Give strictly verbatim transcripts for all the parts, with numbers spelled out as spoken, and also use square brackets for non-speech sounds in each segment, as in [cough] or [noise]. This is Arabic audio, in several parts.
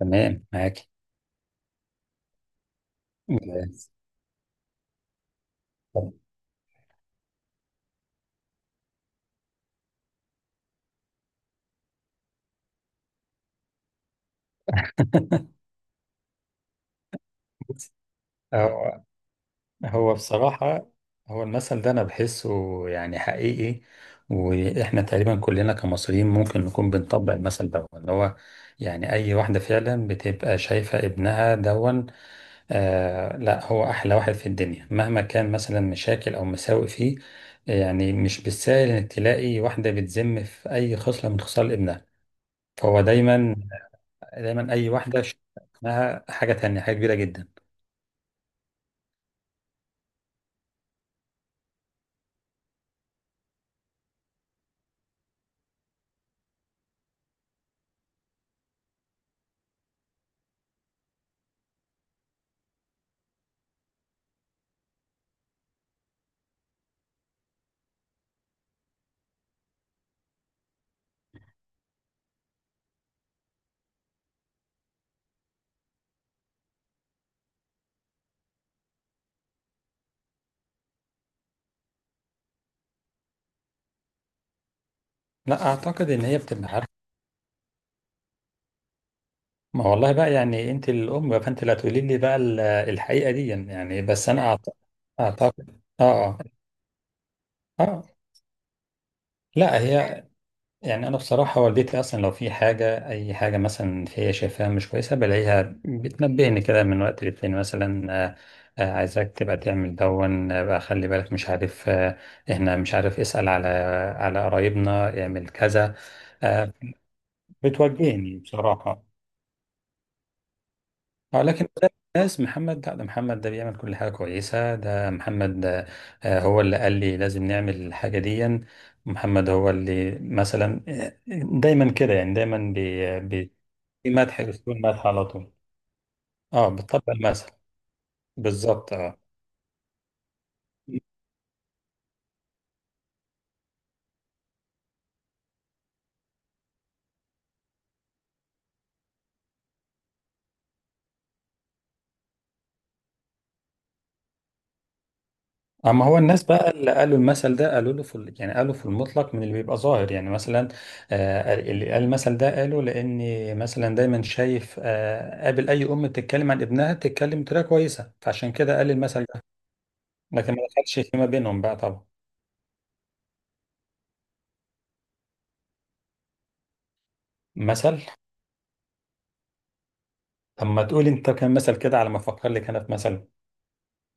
تمام معاك. جاهز. طب بص، هو هو بصراحة، هو المثل ده أنا بحسه يعني حقيقي، وإحنا تقريبا كلنا كمصريين ممكن نكون بنطبق المثل ده اللي هو يعني أي واحدة فعلا بتبقى شايفة ابنها دون. آه لا، هو أحلى واحد في الدنيا مهما كان مثلا مشاكل أو مساوئ فيه. يعني مش بالسهل إنك تلاقي واحدة بتذم في أي خصلة من خصال ابنها. فهو دايما دايما أي واحدة شايفة ابنها حاجة تانية، حاجة كبيرة جدا. لا، اعتقد ان هي بتبقى عارفه. ما والله بقى، يعني انت الام بقى، فانت اللي هتقولي لي بقى ال- الحقيقه دي، يعني بس انا أعت- اعتقد. اه، اه، اه. لا هي، يعني انا بصراحه والدتي اصلا لو في حاجه، اي حاجه مثلا هي شايفاها مش كويسه بلاقيها بتنبهني كده من وقت للتاني. مثلا آه آه، عايزاك تبقى تعمل دون. آه، بقى خلي بالك، مش عارف. آه احنا، مش عارف، اسال على على قرايبنا، اعمل كذا. آه. بتوجهني بصراحه. اه، لكن ده الناس محمد، لا ده محمد، ده بيعمل كل حاجة كويسة، ده محمد ده. آه، هو اللي قال لي لازم نعمل الحاجة دي. محمد هو اللي مثلا، آه، دايما كده، يعني دايما بي بي في مدح، أسلوب مدح على طول. اه، بتطبق المثل بالظبط. اه. اما هو الناس بقى اللي قالوا المثل ده قالوا له في ال- يعني قالوا في المطلق من اللي بيبقى ظاهر. يعني مثلا آه، اللي قال المثل ده قالوا لاني مثلا دايما شايف، آه، قابل اي ام بتتكلم عن ابنها تتكلم بطريقه كويسه، فعشان كده قال المثل ده. لكن ما دخلش فيما بينهم بقى طبعا. مثل؟ طب ما تقول انت كان مثل كده على ما افكر لك انا في مثل،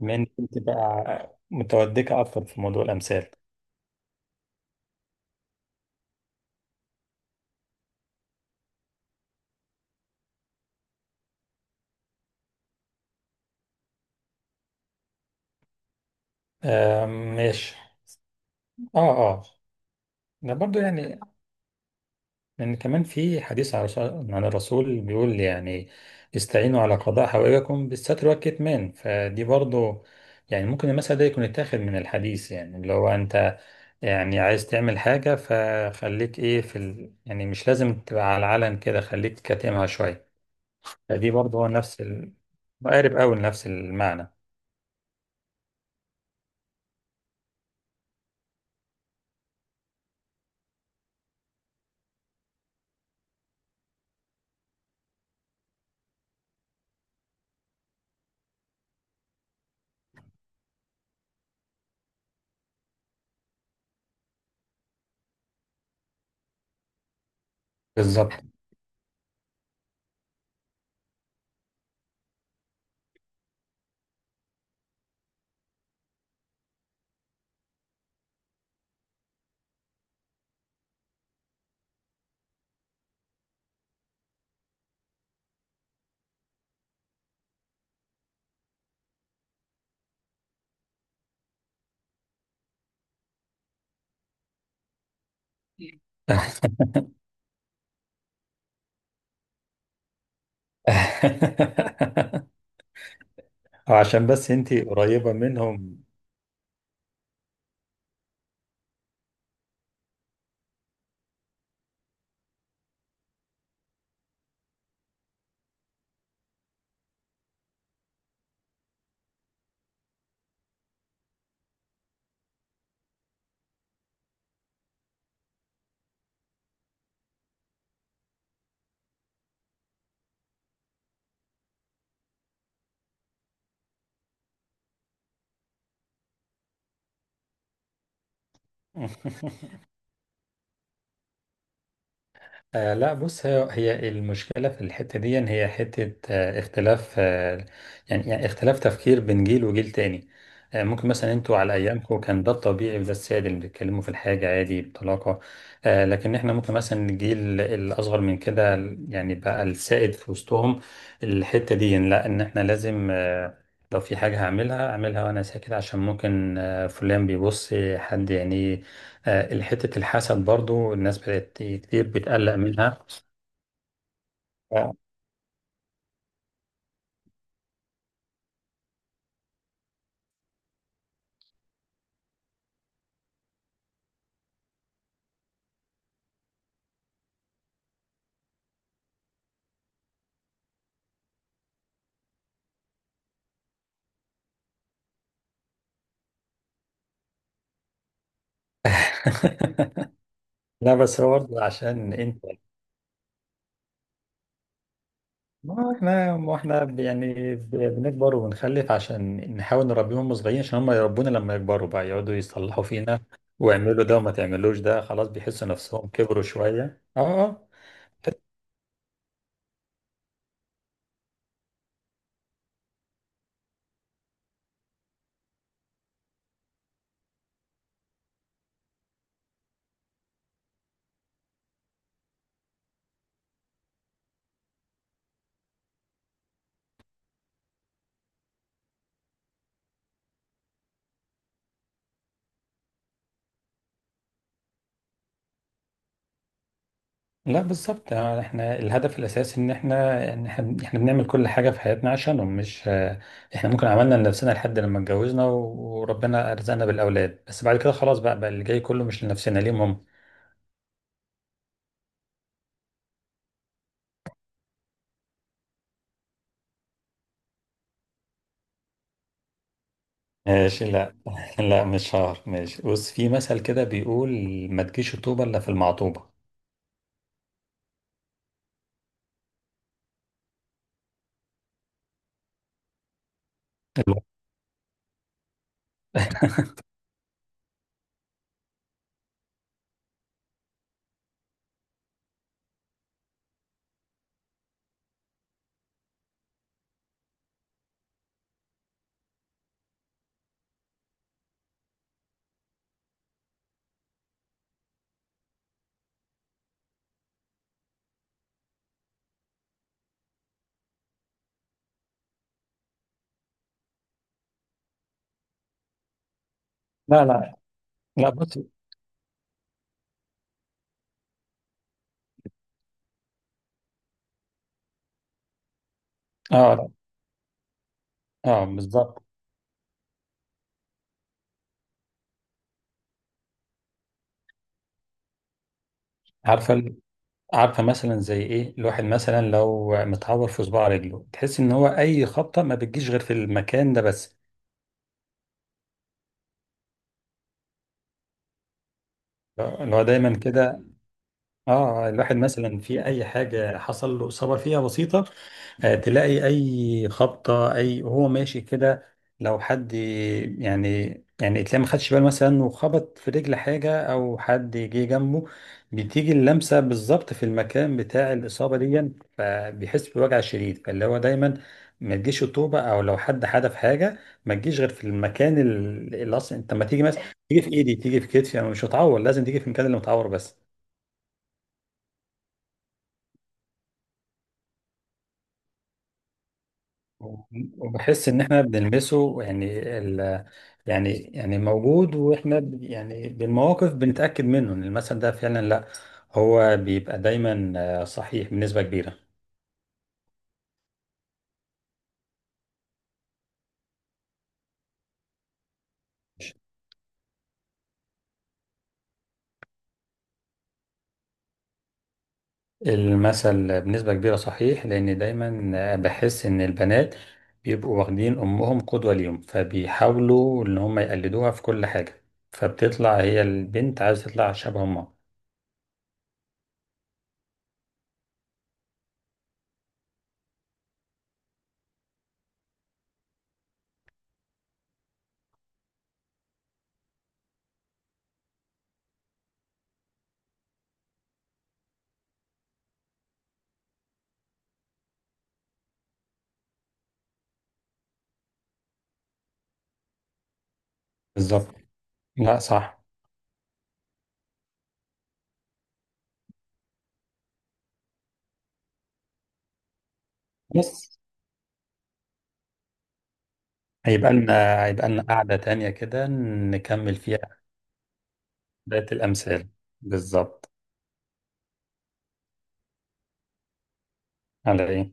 بما انك انت بقى متودكه اكتر في موضوع الامثال. آم، ماشي. اه، اه. ده برضو يعني، لأن كمان في حديث عن الرسول، عن الرسول بيقول يعني استعينوا على قضاء حوائجكم بالستر والكتمان. فدي برضو يعني ممكن المثل ده يكون اتاخد من الحديث، يعني اللي هو أنت يعني عايز تعمل حاجة فخليك إيه في ال... يعني مش لازم تبقى على العلن كده، خليك كاتمها شوية. فدي برضو هو نفس ال... مقارب أوي لنفس المعنى. بالظبط. [laughs] وعشان بس أنت قريبة منهم. [laughs] آه لا بص، هي هي المشكلة في الحتة دي إن هي حتة آه اختلاف. آه يعني يعني اختلاف تفكير بين جيل وجيل تاني. آه، ممكن مثلا انتوا على أيامكم كان ده الطبيعي وده السائد، اللي بيتكلموا في الحاجة عادي بطلاقة. آه، لكن احنا ممكن مثلا الجيل الأصغر من كده يعني بقى السائد في وسطهم الحتة دي، إن لا، إن احنا لازم آه لو في حاجة هعملها أعملها وأنا ساكت، عشان ممكن آه فلان بيبص، حد يعني. آه، حتة الحسد برضو الناس بدأت كتير بتقلق منها. ف- [laughs] لا بس هو برضه عشان انت، ما احنا ما احنا يعني ب- بنكبر وبنخلف عشان نحاول نربيهم هم صغيرين، عشان هم يربونا لما يكبروا بقى، يقعدوا يصلحوا فينا واعملوا ده وما تعملوش ده، خلاص بيحسوا نفسهم كبروا شوية. اه، اه. لا بالظبط، يعني احنا الهدف الاساسي ان احنا ان احنا احنا بنعمل كل حاجه في حياتنا عشانهم، مش آه، احنا ممكن عملنا لنفسنا لحد لما اتجوزنا و- وربنا ارزقنا بالاولاد، بس بعد كده خلاص بقى، بقى اللي جاي كله مش لنفسنا، ليهم هم. ماشي لا. [laughs] لا مش شهر، ماشي بص، في مثل كده بيقول: ما تجيش الطوبه الا في المعطوبه. لا لا، لا بص. اه لا. اه بالظبط. عارفه ال- عارفه مثلا زي ايه، الواحد مثلا لو متعور في صباع رجله، تحس ان هو اي خبطه ما بتجيش غير في المكان ده بس. اللي هو دايما كده. اه، الواحد مثلا في اي حاجه حصل له اصابه فيها بسيطه، آه، تلاقي اي خبطه، اي هو ماشي كده، لو حد يعني يعني تلاقي ما خدش باله مثلا وخبط في رجل حاجه او حد جه جنبه، بتيجي اللمسه بالظبط في المكان بتاع الاصابه دي، فبيحس بوجع شديد. فاللي هو دايما ما تجيش الطوبه، او لو حد حدف حاجه ما تجيش غير في المكان اللي اللي اصلا، انت لما تيجي مثلا تيجي في ايدي، تيجي في كتفي، انا مش هتعور، لازم تيجي في المكان اللي متعور بس. وبحس ان احنا بنلمسه، يعني ال يعني يعني موجود، واحنا ب- يعني بالمواقف بنتأكد منه ان المثل ده فعلا لا، هو بيبقى دايما آه، صحيح بنسبة كبيرة. المثل بنسبة كبيرة صحيح، لان دايما آه، بحس ان البنات بيبقوا واخدين امهم قدوة ليهم، فبيحاولوا ان هم يقلدوها في كل حاجة، فبتطلع هي البنت عايزة تطلع شبه امها. بالظبط. لا صح. بس هيبقى لنا، هيبقى لنا قعدة تانية كده نكمل فيها بقية الأمثال. بالظبط. على إيه.